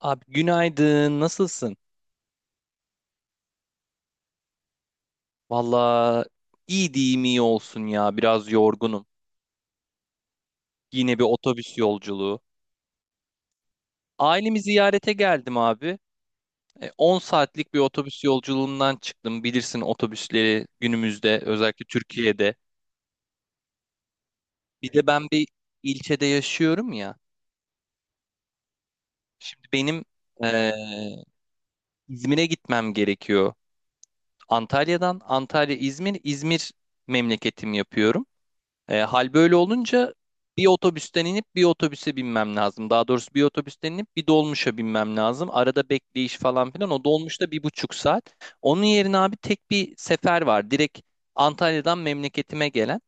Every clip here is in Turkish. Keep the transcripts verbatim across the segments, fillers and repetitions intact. Abi günaydın, nasılsın? Valla iyi diyeyim iyi olsun ya, biraz yorgunum. Yine bir otobüs yolculuğu. Ailemi ziyarete geldim abi. E, on saatlik bir otobüs yolculuğundan çıktım. Bilirsin otobüsleri günümüzde, özellikle Türkiye'de. Bir de ben bir ilçede yaşıyorum ya. Şimdi benim e, İzmir'e gitmem gerekiyor. Antalya'dan Antalya İzmir, İzmir memleketim yapıyorum. E, hal böyle olunca bir otobüsten inip bir otobüse binmem lazım. Daha doğrusu bir otobüsten inip bir dolmuşa binmem lazım. Arada bekleyiş falan filan. O dolmuşta bir buçuk saat. Onun yerine abi tek bir sefer var. Direkt Antalya'dan memleketime gelen.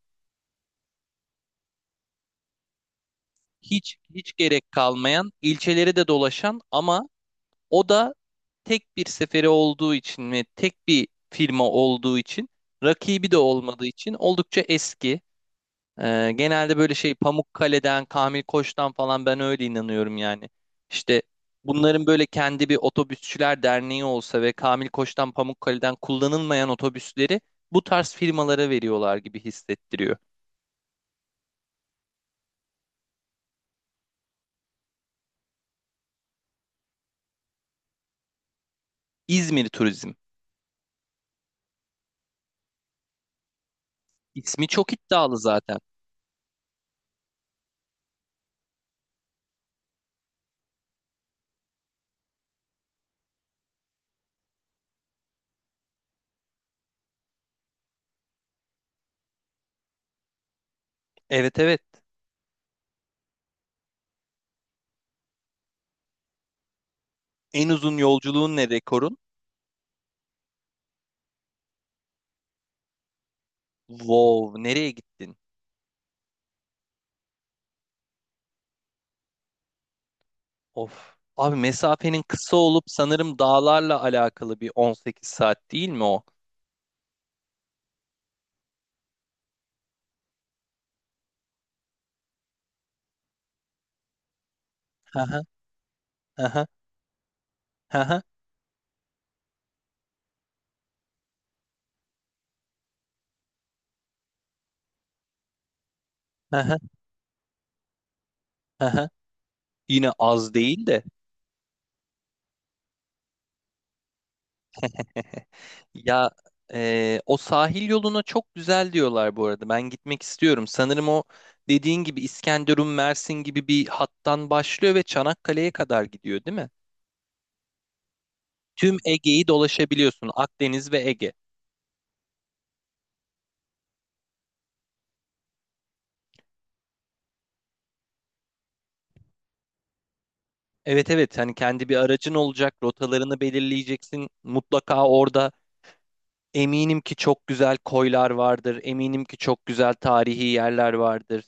Hiç hiç gerek kalmayan, ilçeleri de dolaşan, ama o da tek bir seferi olduğu için ve tek bir firma olduğu için, rakibi de olmadığı için oldukça eski. Ee, genelde böyle şey Pamukkale'den, Kamil Koç'tan falan ben öyle inanıyorum yani. İşte bunların böyle kendi bir otobüsçüler derneği olsa ve Kamil Koç'tan, Pamukkale'den kullanılmayan otobüsleri bu tarz firmalara veriyorlar gibi hissettiriyor. İzmir Turizm. İsmi çok iddialı zaten. Evet, evet. En uzun yolculuğun ne, rekorun? Wow, nereye gittin? Of. Abi mesafenin kısa olup sanırım dağlarla alakalı bir on sekiz saat, değil mi o? Hı hı, hı hı, hı hı, hı hı. Aha, yine az değil de. Ya e, o sahil yoluna çok güzel diyorlar bu arada. Ben gitmek istiyorum. Sanırım o dediğin gibi İskenderun, Mersin gibi bir hattan başlıyor ve Çanakkale'ye kadar gidiyor, değil mi? Tüm Ege'yi dolaşabiliyorsun. Akdeniz ve Ege. Evet evet, hani kendi bir aracın olacak, rotalarını belirleyeceksin. Mutlaka orada eminim ki çok güzel koylar vardır. Eminim ki çok güzel tarihi yerler vardır.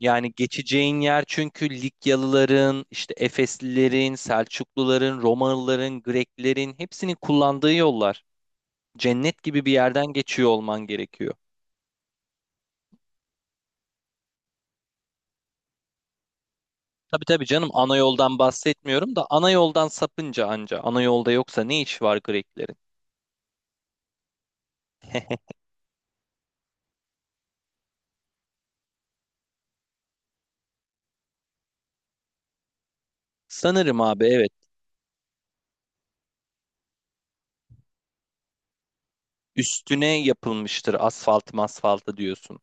Yani geçeceğin yer, çünkü Likyalıların, işte Efeslilerin, Selçukluların, Romalıların, Greklerin hepsinin kullandığı yollar. Cennet gibi bir yerden geçiyor olman gerekiyor. Tabii tabii canım, ana yoldan bahsetmiyorum da ana yoldan sapınca anca ana yolda, yoksa ne iş var Greklerin? Sanırım abi, evet, üstüne yapılmıştır asfalt masfaltı diyorsun.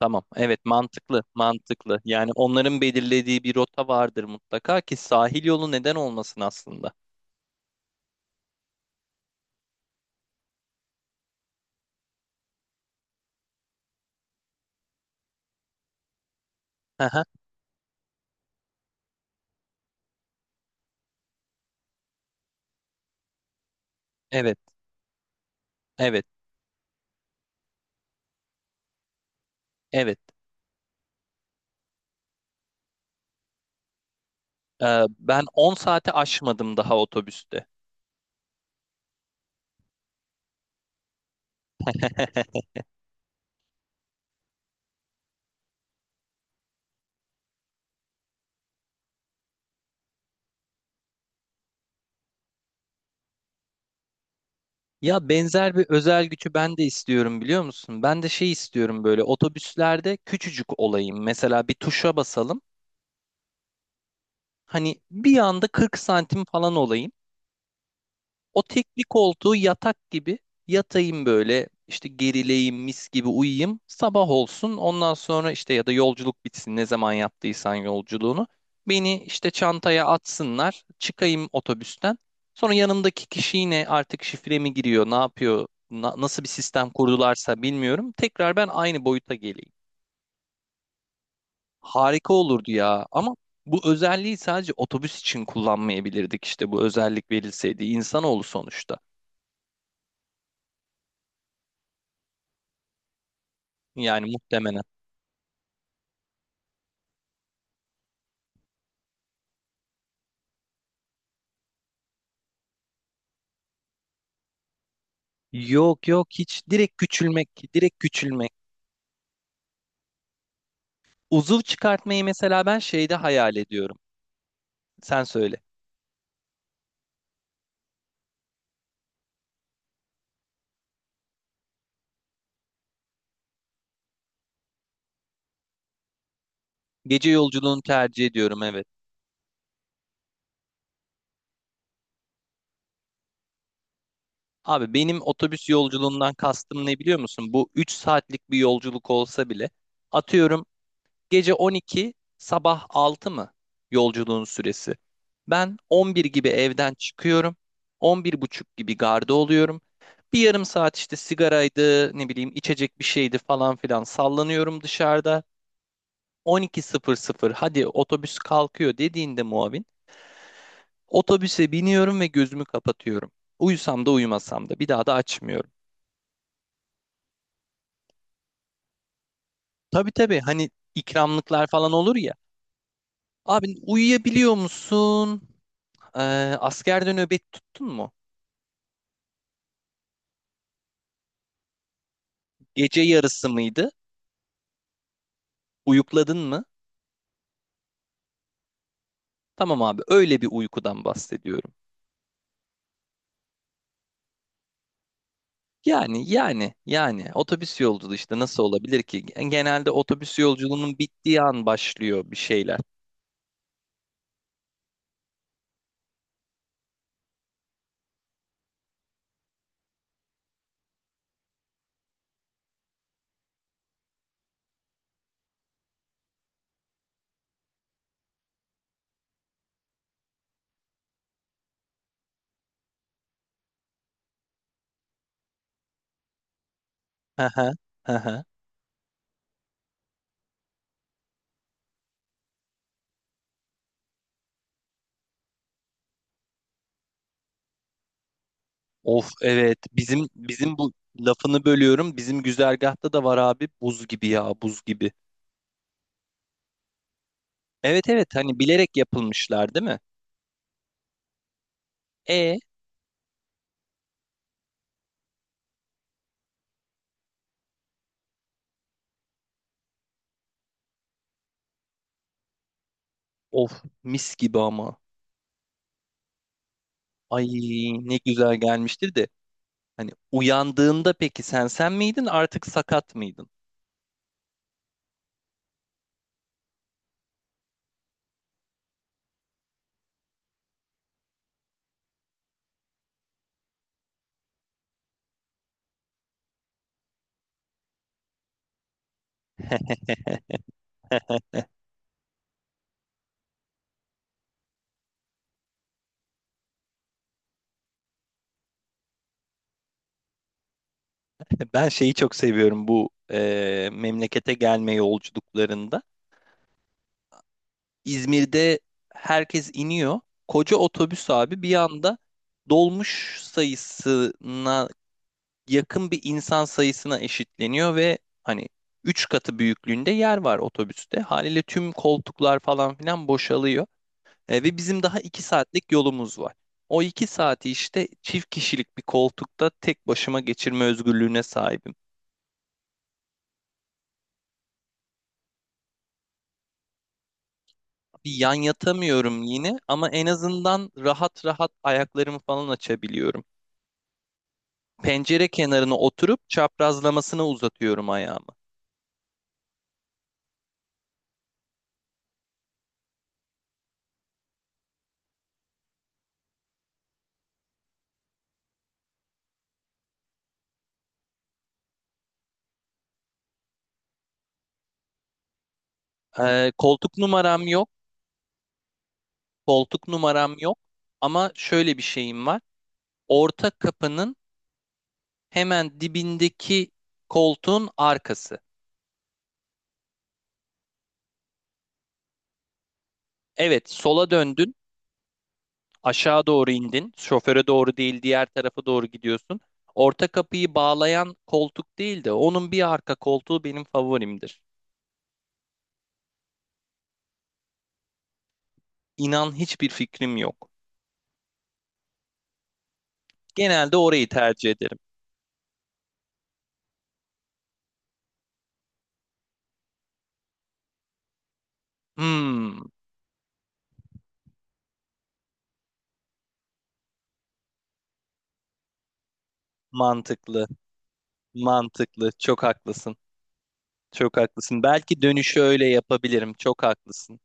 Tamam evet, mantıklı mantıklı, yani onların belirlediği bir rota vardır mutlaka ki sahil yolu neden olmasın aslında. Hı. Evet. Evet, evet. Ee, ben on saate aşmadım daha otobüste. Ya benzer bir özel gücü ben de istiyorum, biliyor musun? Ben de şey istiyorum, böyle otobüslerde küçücük olayım. Mesela bir tuşa basalım. Hani bir anda kırk santim falan olayım. O tekli koltuğu yatak gibi yatayım, böyle işte gerileyim, mis gibi uyuyayım, sabah olsun, ondan sonra işte ya da yolculuk bitsin ne zaman yaptıysan yolculuğunu, beni işte çantaya atsınlar, çıkayım otobüsten, sonra yanımdaki kişi yine artık şifre mi giriyor, ne yapıyor, na- nasıl bir sistem kurdularsa bilmiyorum, tekrar ben aynı boyuta geleyim. Harika olurdu ya, ama bu özelliği sadece otobüs için kullanmayabilirdik, işte bu özellik verilseydi insanoğlu sonuçta, yani muhtemelen. Yok yok, hiç, direkt küçülmek, direkt küçülmek. Uzuv çıkartmayı mesela ben şeyde hayal ediyorum. Sen söyle. Gece yolculuğunu tercih ediyorum, evet. Abi benim otobüs yolculuğundan kastım ne, biliyor musun? Bu üç saatlik bir yolculuk olsa bile, atıyorum, gece on iki sabah altı mı yolculuğun süresi? Ben on bir gibi evden çıkıyorum. on bir buçuk gibi garda oluyorum. Bir yarım saat işte sigaraydı, ne bileyim içecek bir şeydi falan filan, sallanıyorum dışarıda. On iki sıfır sıfır, hadi otobüs kalkıyor dediğinde muavin, otobüse biniyorum ve gözümü kapatıyorum. Uyusam da uyumasam da bir daha da açmıyorum. Tabii tabii, hani ikramlıklar falan olur ya. Abi uyuyabiliyor musun? Ee, Askerde nöbet tuttun mu? Gece yarısı mıydı? Uyukladın mı? Tamam abi, öyle bir uykudan bahsediyorum. Yani yani yani otobüs yolculuğu işte nasıl olabilir ki? Genelde otobüs yolculuğunun bittiği an başlıyor bir şeyler. Hı hı. Hı hı. Of evet, bizim bizim bu lafını bölüyorum. Bizim güzergahta da var abi, buz gibi ya, buz gibi. Evet evet, hani bilerek yapılmışlar, değil mi? E of mis gibi ama. Ay ne güzel gelmiştir de. Hani uyandığında peki sen sen miydin artık, sakat mıydın? Ben şeyi çok seviyorum bu e, memlekete gelme yolculuklarında. İzmir'de herkes iniyor. Koca otobüs abi bir anda dolmuş sayısına yakın bir insan sayısına eşitleniyor ve hani üç katı büyüklüğünde yer var otobüste. Haliyle tüm koltuklar falan filan boşalıyor. E, ve bizim daha iki saatlik yolumuz var. O iki saati işte çift kişilik bir koltukta tek başıma geçirme özgürlüğüne sahibim. Bir yan yatamıyorum yine ama en azından rahat rahat ayaklarımı falan açabiliyorum. Pencere kenarına oturup çaprazlamasına uzatıyorum ayağımı. E, koltuk numaram yok. Koltuk numaram yok ama şöyle bir şeyim var. Orta kapının hemen dibindeki koltuğun arkası. Evet, sola döndün, aşağı doğru indin. Şoföre doğru değil, diğer tarafa doğru gidiyorsun. Orta kapıyı bağlayan koltuk değil de onun bir arka koltuğu benim favorimdir. İnan, hiçbir fikrim yok. Genelde orayı tercih ederim. Hmm, mantıklı, mantıklı. Çok haklısın. Çok haklısın. Belki dönüşü öyle yapabilirim. Çok haklısın.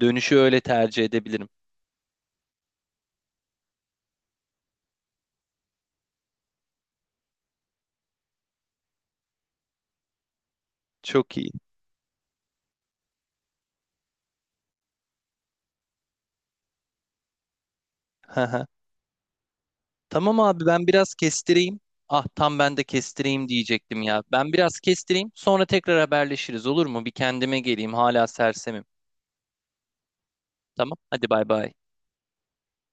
Dönüşü öyle tercih edebilirim. Çok iyi. Haha. Tamam abi, ben biraz kestireyim. Ah tam ben de kestireyim diyecektim ya. Ben biraz kestireyim, sonra tekrar haberleşiriz, olur mu? Bir kendime geleyim, hala sersemim. Tamam hadi, bay bay.